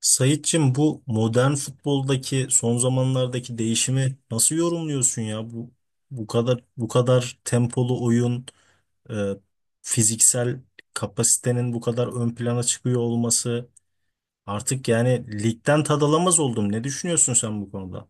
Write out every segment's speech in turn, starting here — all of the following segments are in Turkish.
Sayitçim bu modern futboldaki son zamanlardaki değişimi nasıl yorumluyorsun ya? Bu kadar bu kadar tempolu oyun, e, fiziksel kapasitenin bu kadar ön plana çıkıyor olması artık yani ligden tad alamaz oldum. Ne düşünüyorsun sen bu konuda?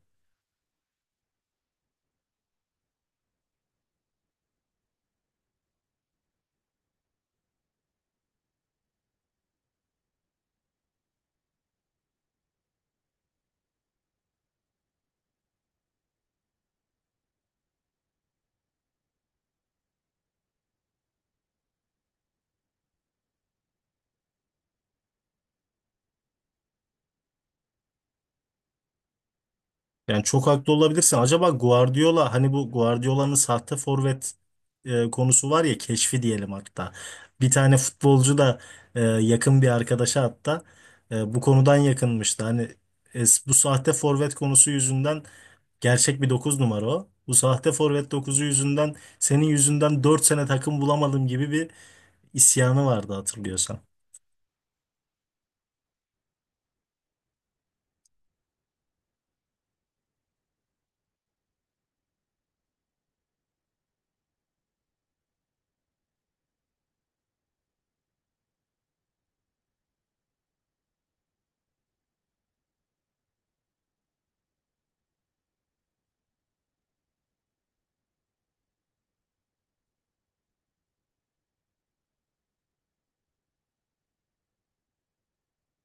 Yani çok haklı olabilirsin. Acaba Guardiola hani bu Guardiola'nın sahte forvet konusu var ya, keşfi diyelim hatta. Bir tane futbolcu da yakın bir arkadaşa hatta bu konudan yakınmıştı. Hani e, bu sahte forvet konusu yüzünden gerçek bir 9 numara o. Bu sahte forvet dokuzu yüzünden senin yüzünden 4 sene takım bulamadım gibi bir isyanı vardı, hatırlıyorsan.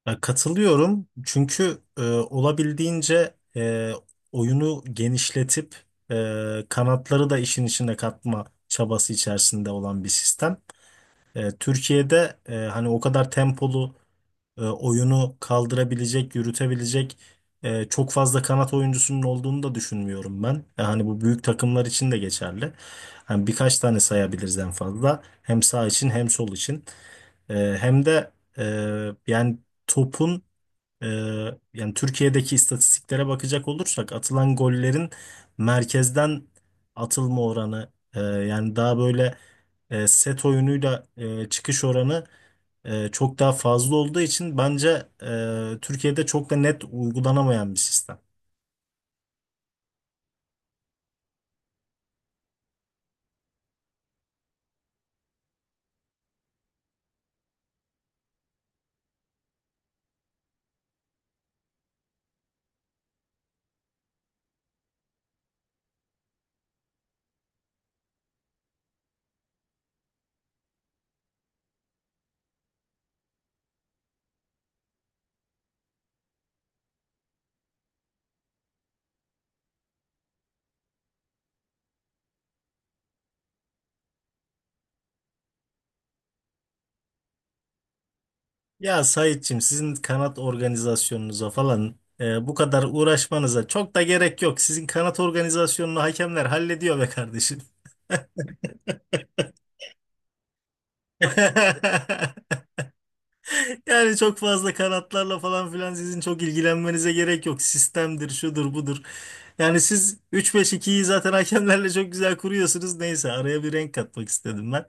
Ya katılıyorum, çünkü olabildiğince oyunu genişletip kanatları da işin içine katma çabası içerisinde olan bir sistem. Türkiye'de, hani o kadar tempolu oyunu kaldırabilecek, yürütebilecek çok fazla kanat oyuncusunun olduğunu da düşünmüyorum ben. Hani bu büyük takımlar için de geçerli. Hani birkaç tane sayabiliriz en fazla. Hem sağ için hem sol için. E, Hem de e, yani topun, ee, yani Türkiye'deki istatistiklere bakacak olursak atılan gollerin merkezden atılma oranı, yani daha böyle set oyunuyla çıkış oranı çok daha fazla olduğu için bence Türkiye'de çok da net uygulanamayan bir sistem. Ya Saitçim, sizin kanat organizasyonunuza falan bu kadar uğraşmanıza çok da gerek yok. Sizin kanat organizasyonunu hakemler hallediyor be kardeşim. Yani çok fazla kanatlarla falan filan sizin çok ilgilenmenize gerek yok. Sistemdir, şudur, budur. Yani siz üç beş ikiyi zaten hakemlerle çok güzel kuruyorsunuz. Neyse, araya bir renk katmak istedim ben.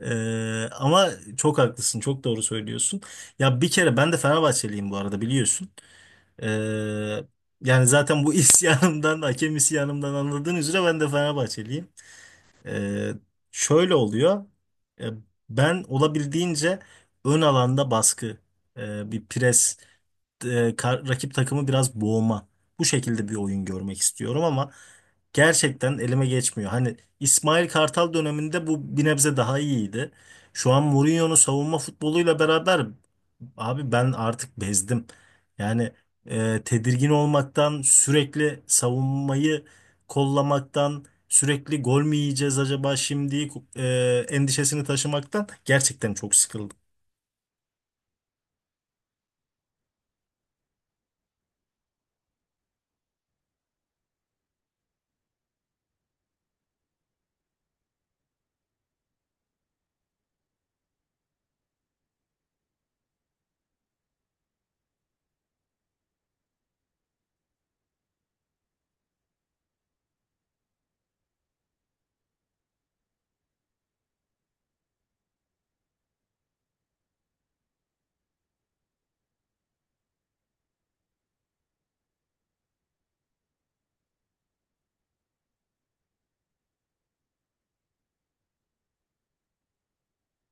Ama çok haklısın, çok doğru söylüyorsun. Ya bir kere ben de Fenerbahçeliyim bu arada, biliyorsun. Ee, Yani zaten bu isyanımdan, hakem isyanımdan anladığın üzere ben de Fenerbahçeliyim. Ee, Şöyle oluyor. Ee, Ben olabildiğince ön alanda baskı, bir pres, rakip takımı biraz boğma. Bu şekilde bir oyun görmek istiyorum ama gerçekten elime geçmiyor. Hani İsmail Kartal döneminde bu bir nebze daha iyiydi. Şu an Mourinho'nun savunma futboluyla beraber abi ben artık bezdim. Yani tedirgin olmaktan, sürekli savunmayı kollamaktan, sürekli gol mü yiyeceğiz acaba şimdi endişesini taşımaktan gerçekten çok sıkıldım.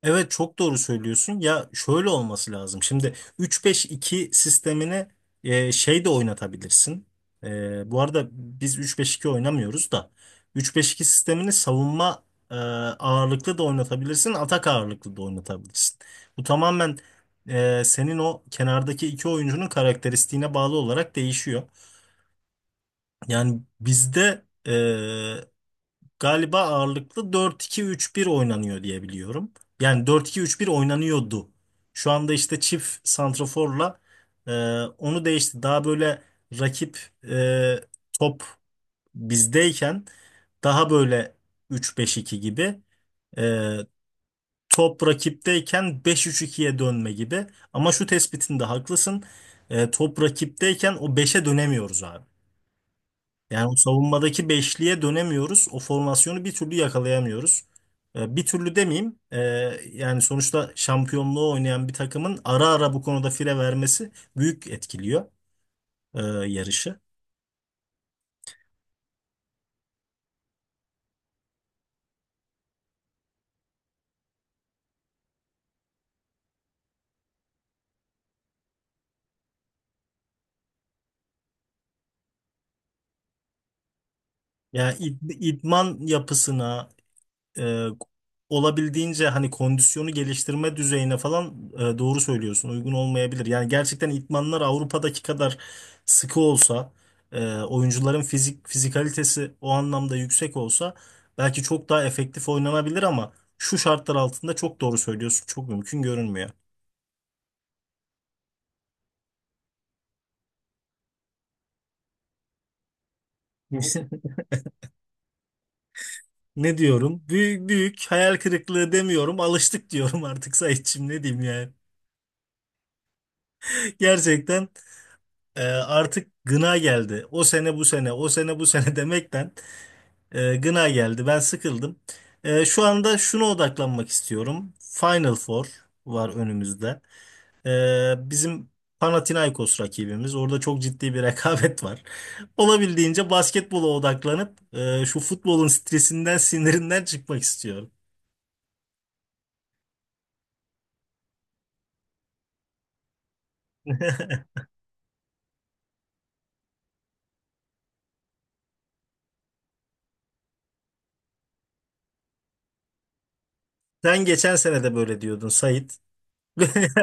Evet, çok doğru söylüyorsun. Ya şöyle olması lazım. Şimdi 3-5-2 sistemini şey de oynatabilirsin. Bu arada biz 3-5-2 oynamıyoruz da, 3-5-2 sistemini savunma e, ağırlıklı da oynatabilirsin, atak ağırlıklı da oynatabilirsin. Bu tamamen senin o kenardaki iki oyuncunun karakteristiğine bağlı olarak değişiyor. Yani bizde galiba ağırlıklı 4-2-3-1 oynanıyor diye biliyorum. Yani 4-2-3-1 oynanıyordu. Şu anda işte çift santraforla e, onu değişti. Daha böyle rakip, e, top bizdeyken daha böyle 3-5-2 gibi, e, top rakipteyken 5-3-2'ye dönme gibi. Ama şu tespitinde haklısın. Top rakipteyken o beşe dönemiyoruz abi. Yani o savunmadaki beşliye dönemiyoruz. O formasyonu bir türlü yakalayamıyoruz. Bir türlü demeyeyim. Yani sonuçta şampiyonluğu oynayan bir takımın ara ara bu konuda fire vermesi büyük etkiliyor ee, yarışı. Yani idman yapısına, e, olabildiğince hani kondisyonu geliştirme düzeyine falan, doğru söylüyorsun. Uygun olmayabilir. Yani gerçekten idmanlar Avrupa'daki kadar sıkı olsa, oyuncuların fizikalitesi o anlamda yüksek olsa belki çok daha efektif oynanabilir ama şu şartlar altında çok doğru söylüyorsun. Çok mümkün görünmüyor. Ne diyorum? Büyük büyük hayal kırıklığı demiyorum. Alıştık diyorum artık Saitçiğim, ne diyeyim yani. Gerçekten artık gına geldi. O sene bu sene, o sene bu sene, demekten gına geldi. Ben sıkıldım. Şu anda şuna odaklanmak istiyorum. Final Four var önümüzde. Bizim Panathinaikos rakibimiz. Orada çok ciddi bir rekabet var. Olabildiğince basketbola odaklanıp şu futbolun stresinden, sinirinden çıkmak istiyorum. Sen geçen sene de böyle diyordun Sait.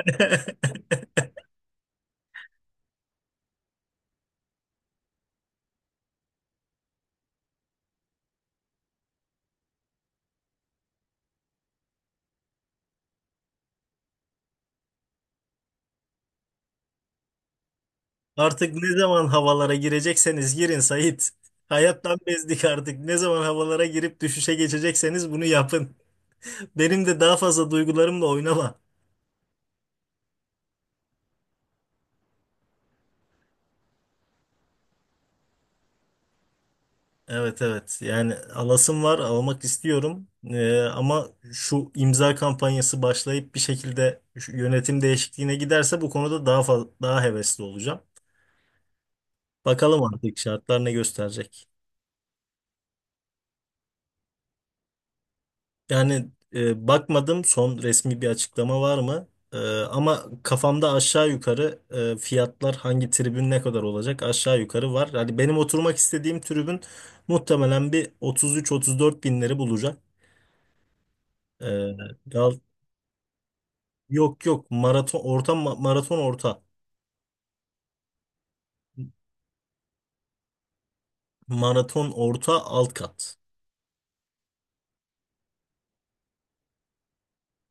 Artık ne zaman havalara girecekseniz girin Sait. Hayattan bezdik artık. Ne zaman havalara girip düşüşe geçecekseniz bunu yapın. Benim de daha fazla duygularımla oynama. Evet, evet, yani alasım var, almak istiyorum. Ama şu imza kampanyası başlayıp bir şekilde şu yönetim değişikliğine giderse bu konuda daha hevesli olacağım. Bakalım artık şartlar ne gösterecek. Yani bakmadım, son resmi bir açıklama var mı? E, ama kafamda aşağı yukarı, fiyatlar hangi tribün ne kadar olacak aşağı yukarı var. Hani benim oturmak istediğim tribün muhtemelen bir 33-34 binleri bulacak. E, Gal- yok yok, maraton orta, maraton orta alt kat.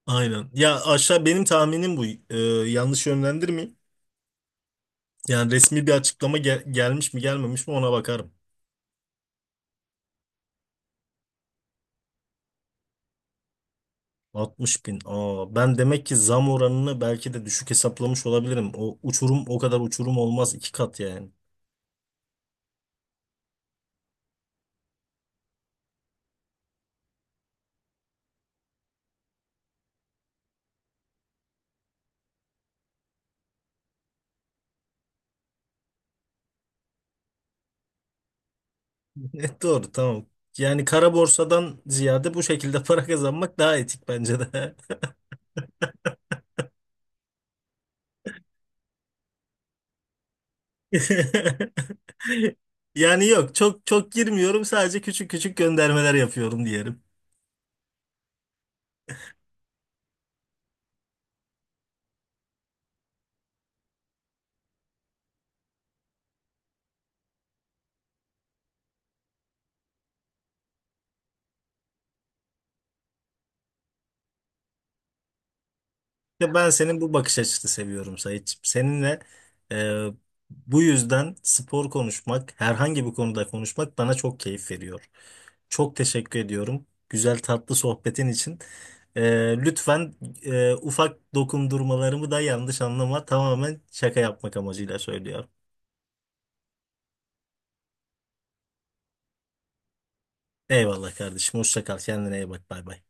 Aynen. Ya aşağı benim tahminim bu. E, Yanlış yönlendirmeyeyim. Yani resmi bir açıklama gelmiş mi gelmemiş mi ona bakarım. 60 bin. Aa, ben demek ki zam oranını belki de düşük hesaplamış olabilirim. O uçurum o kadar uçurum olmaz, iki kat yani. Evet, doğru, tamam. Yani kara borsadan ziyade bu şekilde para kazanmak daha etik bence de. Yani yok, çok çok girmiyorum, sadece küçük küçük göndermeler yapıyorum. İşte ben senin bu bakış açısını seviyorum Sayit. Seninle e, bu yüzden spor konuşmak, herhangi bir konuda konuşmak bana çok keyif veriyor. Çok teşekkür ediyorum, güzel tatlı sohbetin için. Lütfen ufak dokundurmalarımı da yanlış anlama. Tamamen şaka yapmak amacıyla söylüyorum. Eyvallah kardeşim. Hoşça kal. Kendine iyi bak. Bay bay.